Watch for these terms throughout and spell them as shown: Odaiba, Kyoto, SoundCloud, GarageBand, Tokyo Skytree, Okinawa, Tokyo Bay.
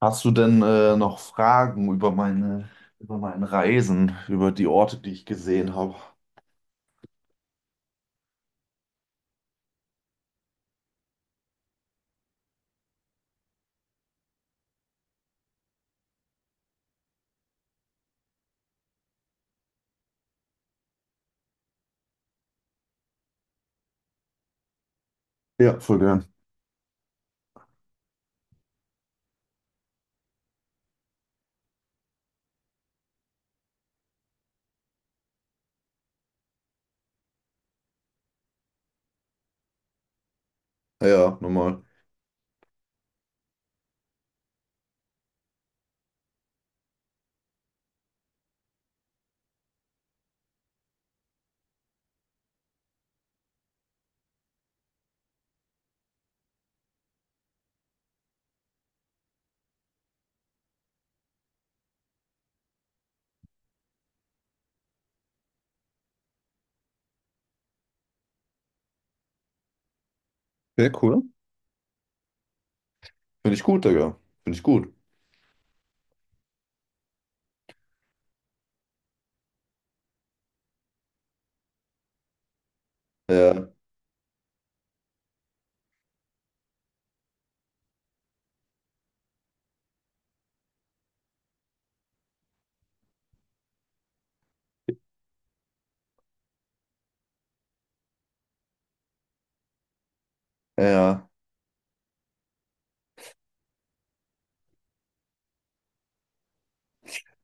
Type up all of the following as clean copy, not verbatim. Hast du denn noch Fragen über meine Reisen, über die Orte, die ich gesehen habe? Ja, voll gern. Ja, nochmal. Sehr cool. Finde ich gut, Digga. Finde ich gut. Ja, ja. Ja.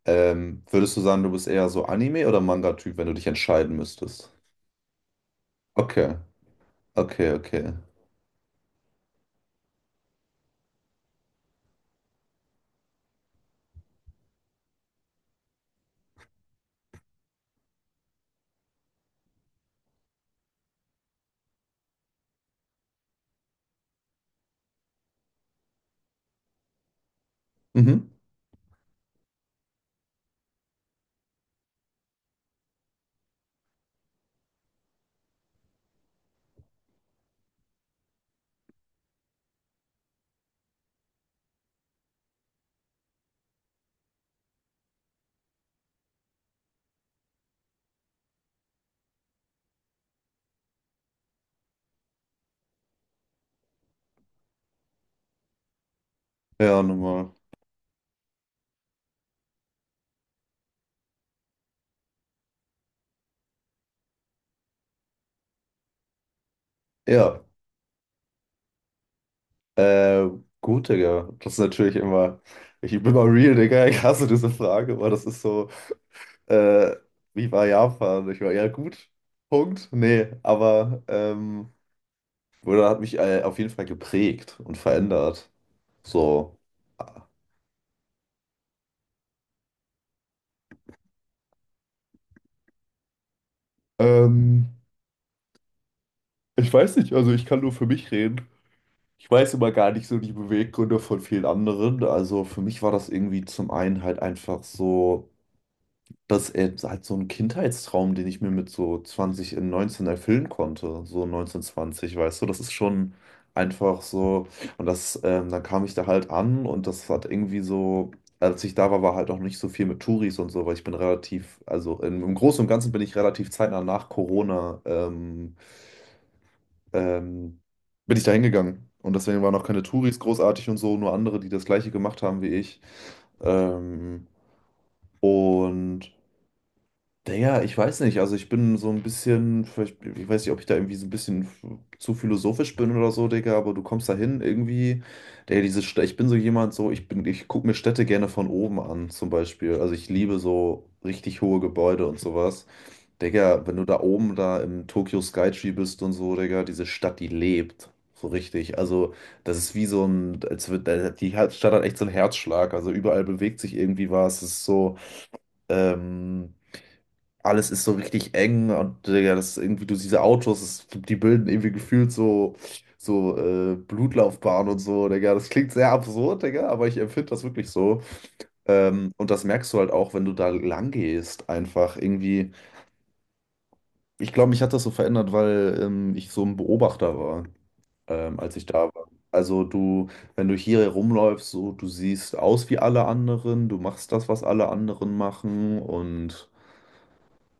Würdest du sagen, du bist eher so Anime- oder Manga-Typ, wenn du dich entscheiden müsstest? Okay, okay, okay. Mhm. Ja, nochmal. Ja, äh, gut, Digga. Das ist natürlich immer, ich bin mal real, Digga. Ich hasse diese Frage, aber das ist so. Äh, Wie war Japan? Ich war ja gut. Punkt. Nee, aber Buddha hat mich auf jeden Fall geprägt und verändert. So. Ähm, Ich weiß nicht, also ich kann nur für mich reden. Ich weiß immer gar nicht so die Beweggründe von vielen anderen. Also für mich war das irgendwie zum einen halt einfach so. Das ist halt so ein Kindheitstraum, den ich mir mit so 20 in 19 erfüllen konnte, so 19 20, weißt du, das ist schon einfach so. Und das, dann kam ich da halt an, und das hat irgendwie so, als ich da war, war halt auch nicht so viel mit Touris und so, weil ich bin relativ, also im Großen und Ganzen bin ich relativ zeitnah nach Corona, ähm, bin ich da hingegangen. Und deswegen waren auch keine Touris großartig und so, nur andere, die das gleiche gemacht haben wie ich. Ähm, und Digga, ich weiß nicht, also ich bin so ein bisschen, vielleicht, ich weiß nicht, ob ich da irgendwie so ein bisschen zu philosophisch bin oder so, Digga, aber du kommst da hin irgendwie, der diese Städte, ich bin so jemand, so, ich gucke mir Städte gerne von oben an, zum Beispiel, also ich liebe so richtig hohe Gebäude und sowas, Digga, wenn du da oben da im Tokyo Skytree bist und so, Digga, diese Stadt, die lebt, so richtig, also das ist wie so ein, als wird, die Stadt hat echt so einen Herzschlag, also überall bewegt sich irgendwie was, es ist so, ähm, alles ist so richtig eng, und Digga, das irgendwie, du siehst diese Autos, das, die bilden irgendwie gefühlt so Blutlaufbahnen und so, Digga. Das klingt sehr absurd, Digga, aber ich empfinde das wirklich so. Und das merkst du halt auch, wenn du da lang gehst, einfach irgendwie. Ich glaube, mich hat das so verändert, weil ich so ein Beobachter war, als ich da war. Also du, wenn du hier herumläufst, so, du siehst aus wie alle anderen, du machst das, was alle anderen machen, und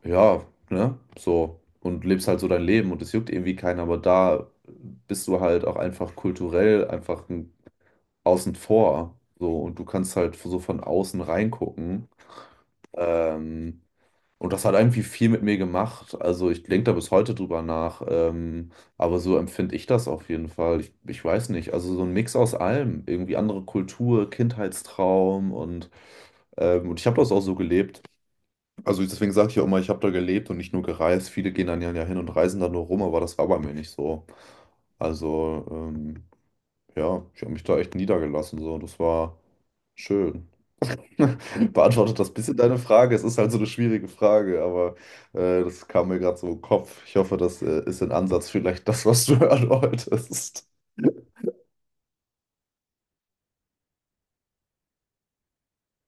ja, ne, so. Und lebst halt so dein Leben, und es juckt irgendwie keinen, aber da bist du halt auch einfach kulturell einfach ein, außen vor. So, und du kannst halt so von außen reingucken. Ähm, und das hat irgendwie viel mit mir gemacht. Also ich denke da bis heute drüber nach. Aber so empfinde ich das auf jeden Fall. Ich weiß nicht. Also so ein Mix aus allem. Irgendwie andere Kultur, Kindheitstraum und ich habe das auch so gelebt. Also deswegen sage ich ja immer, ich habe da gelebt und nicht nur gereist. Viele gehen dann ja ja hin und reisen da nur rum, aber das war bei mir nicht so. Also ja, ich habe mich da echt niedergelassen so. Das war schön. Beantwortet das bisschen deine Frage? Es ist halt so eine schwierige Frage, aber das kam mir gerade so im Kopf. Ich hoffe, das ist in Ansatz vielleicht das, was du hören wolltest.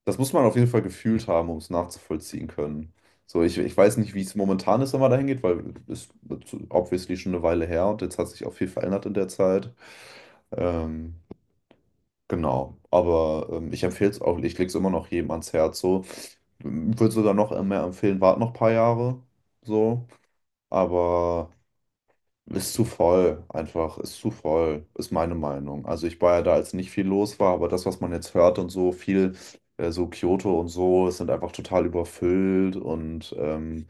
Das muss man auf jeden Fall gefühlt haben, um es nachzuvollziehen können. So, ich weiß nicht, wie es momentan ist, wenn man dahin geht, weil es ist obviously schon eine Weile her, und jetzt hat sich auch viel verändert in der Zeit. Ähm, genau, aber ich empfehle es auch, ich lege es immer noch jedem ans Herz. So, würde sogar noch mehr empfehlen, wart noch ein paar Jahre. So, aber. Ist zu voll, einfach, ist zu voll, ist meine Meinung. Also ich war ja da, als nicht viel los war, aber das, was man jetzt hört und so, so Kyoto und so, es sind einfach total überfüllt, und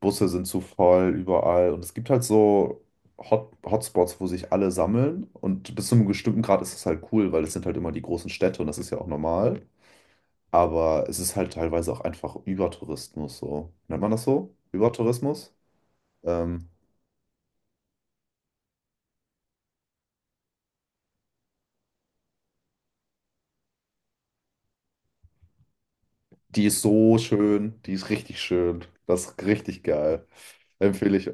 Busse sind zu voll überall. Und es gibt halt so Hotspots, wo sich alle sammeln. Und bis zu einem bestimmten Grad ist es halt cool, weil es sind halt immer die großen Städte, und das ist ja auch normal. Aber es ist halt teilweise auch einfach Übertourismus so. Nennt man das so? Übertourismus? Ähm, Die ist so schön, die ist richtig schön. Das ist richtig geil. Empfehle ich.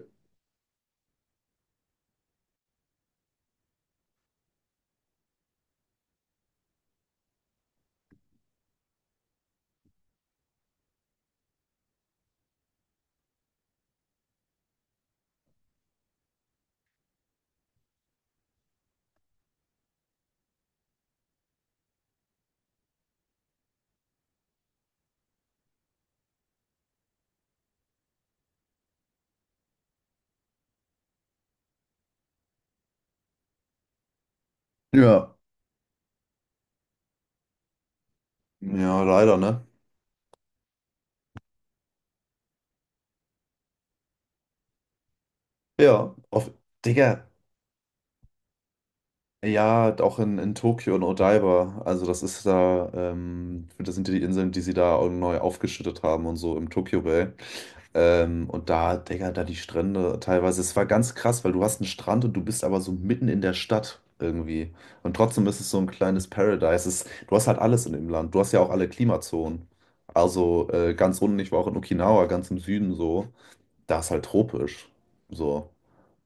Ja. Ja, leider, ne? Ja, Digga, ja, auch in Tokio und Odaiba. Also, das ist da, das sind die Inseln, die sie da auch neu aufgeschüttet haben und so im Tokyo Bay. Und da, Digga, da die Strände teilweise, es war ganz krass, weil du hast einen Strand und du bist aber so mitten in der Stadt irgendwie. Und trotzdem ist es so ein kleines Paradise. Es, du hast halt alles in dem Land. Du hast ja auch alle Klimazonen. Also ganz unten, ich war auch in Okinawa, ganz im Süden, so da ist halt tropisch. So,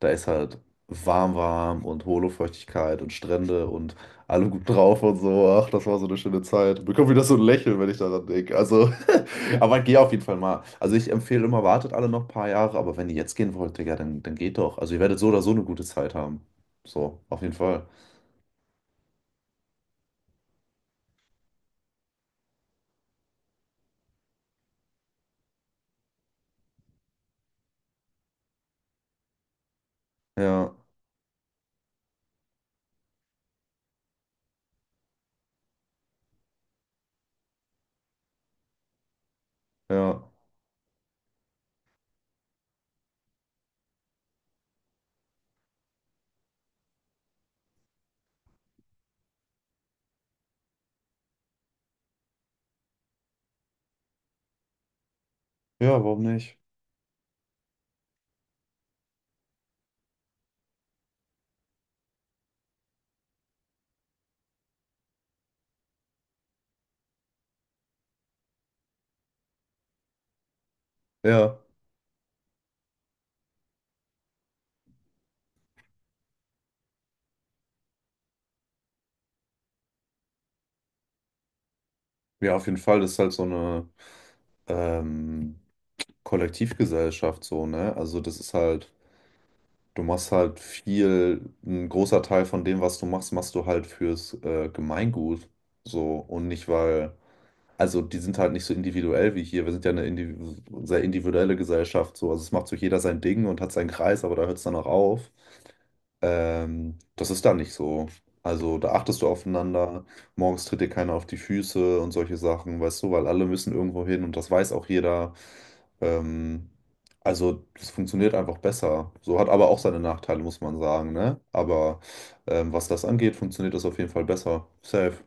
da ist halt warm, warm und hohle Feuchtigkeit und Strände und alle gut drauf und so. Ach, das war so eine schöne Zeit. Bekomme wieder so ein Lächeln, wenn ich daran denke. Also, aber geh auf jeden Fall mal. Also, ich empfehle immer, wartet alle noch ein paar Jahre, aber wenn ihr jetzt gehen wollt, Digga, dann geht doch. Also, ihr werdet so oder so eine gute Zeit haben. So, auf jeden Fall. Ja, ja, ja, warum nicht? Ja, ja, auf jeden Fall. Das ist halt so eine ähm, Kollektivgesellschaft, so, ne? Also, das ist halt. Du machst halt viel, ein großer Teil von dem, was du machst, machst du halt fürs Gemeingut. So, und nicht weil. Also die sind halt nicht so individuell wie hier. Wir sind ja eine indiv sehr individuelle Gesellschaft. So. Also es macht so jeder sein Ding und hat seinen Kreis, aber da hört es dann auch auf. Das ist da nicht so. Also da achtest du aufeinander, morgens tritt dir keiner auf die Füße und solche Sachen, weißt du, weil alle müssen irgendwo hin, und das weiß auch jeder. Ähm, also das funktioniert einfach besser. So hat aber auch seine Nachteile, muss man sagen, ne? Aber was das angeht, funktioniert das auf jeden Fall besser. Safe.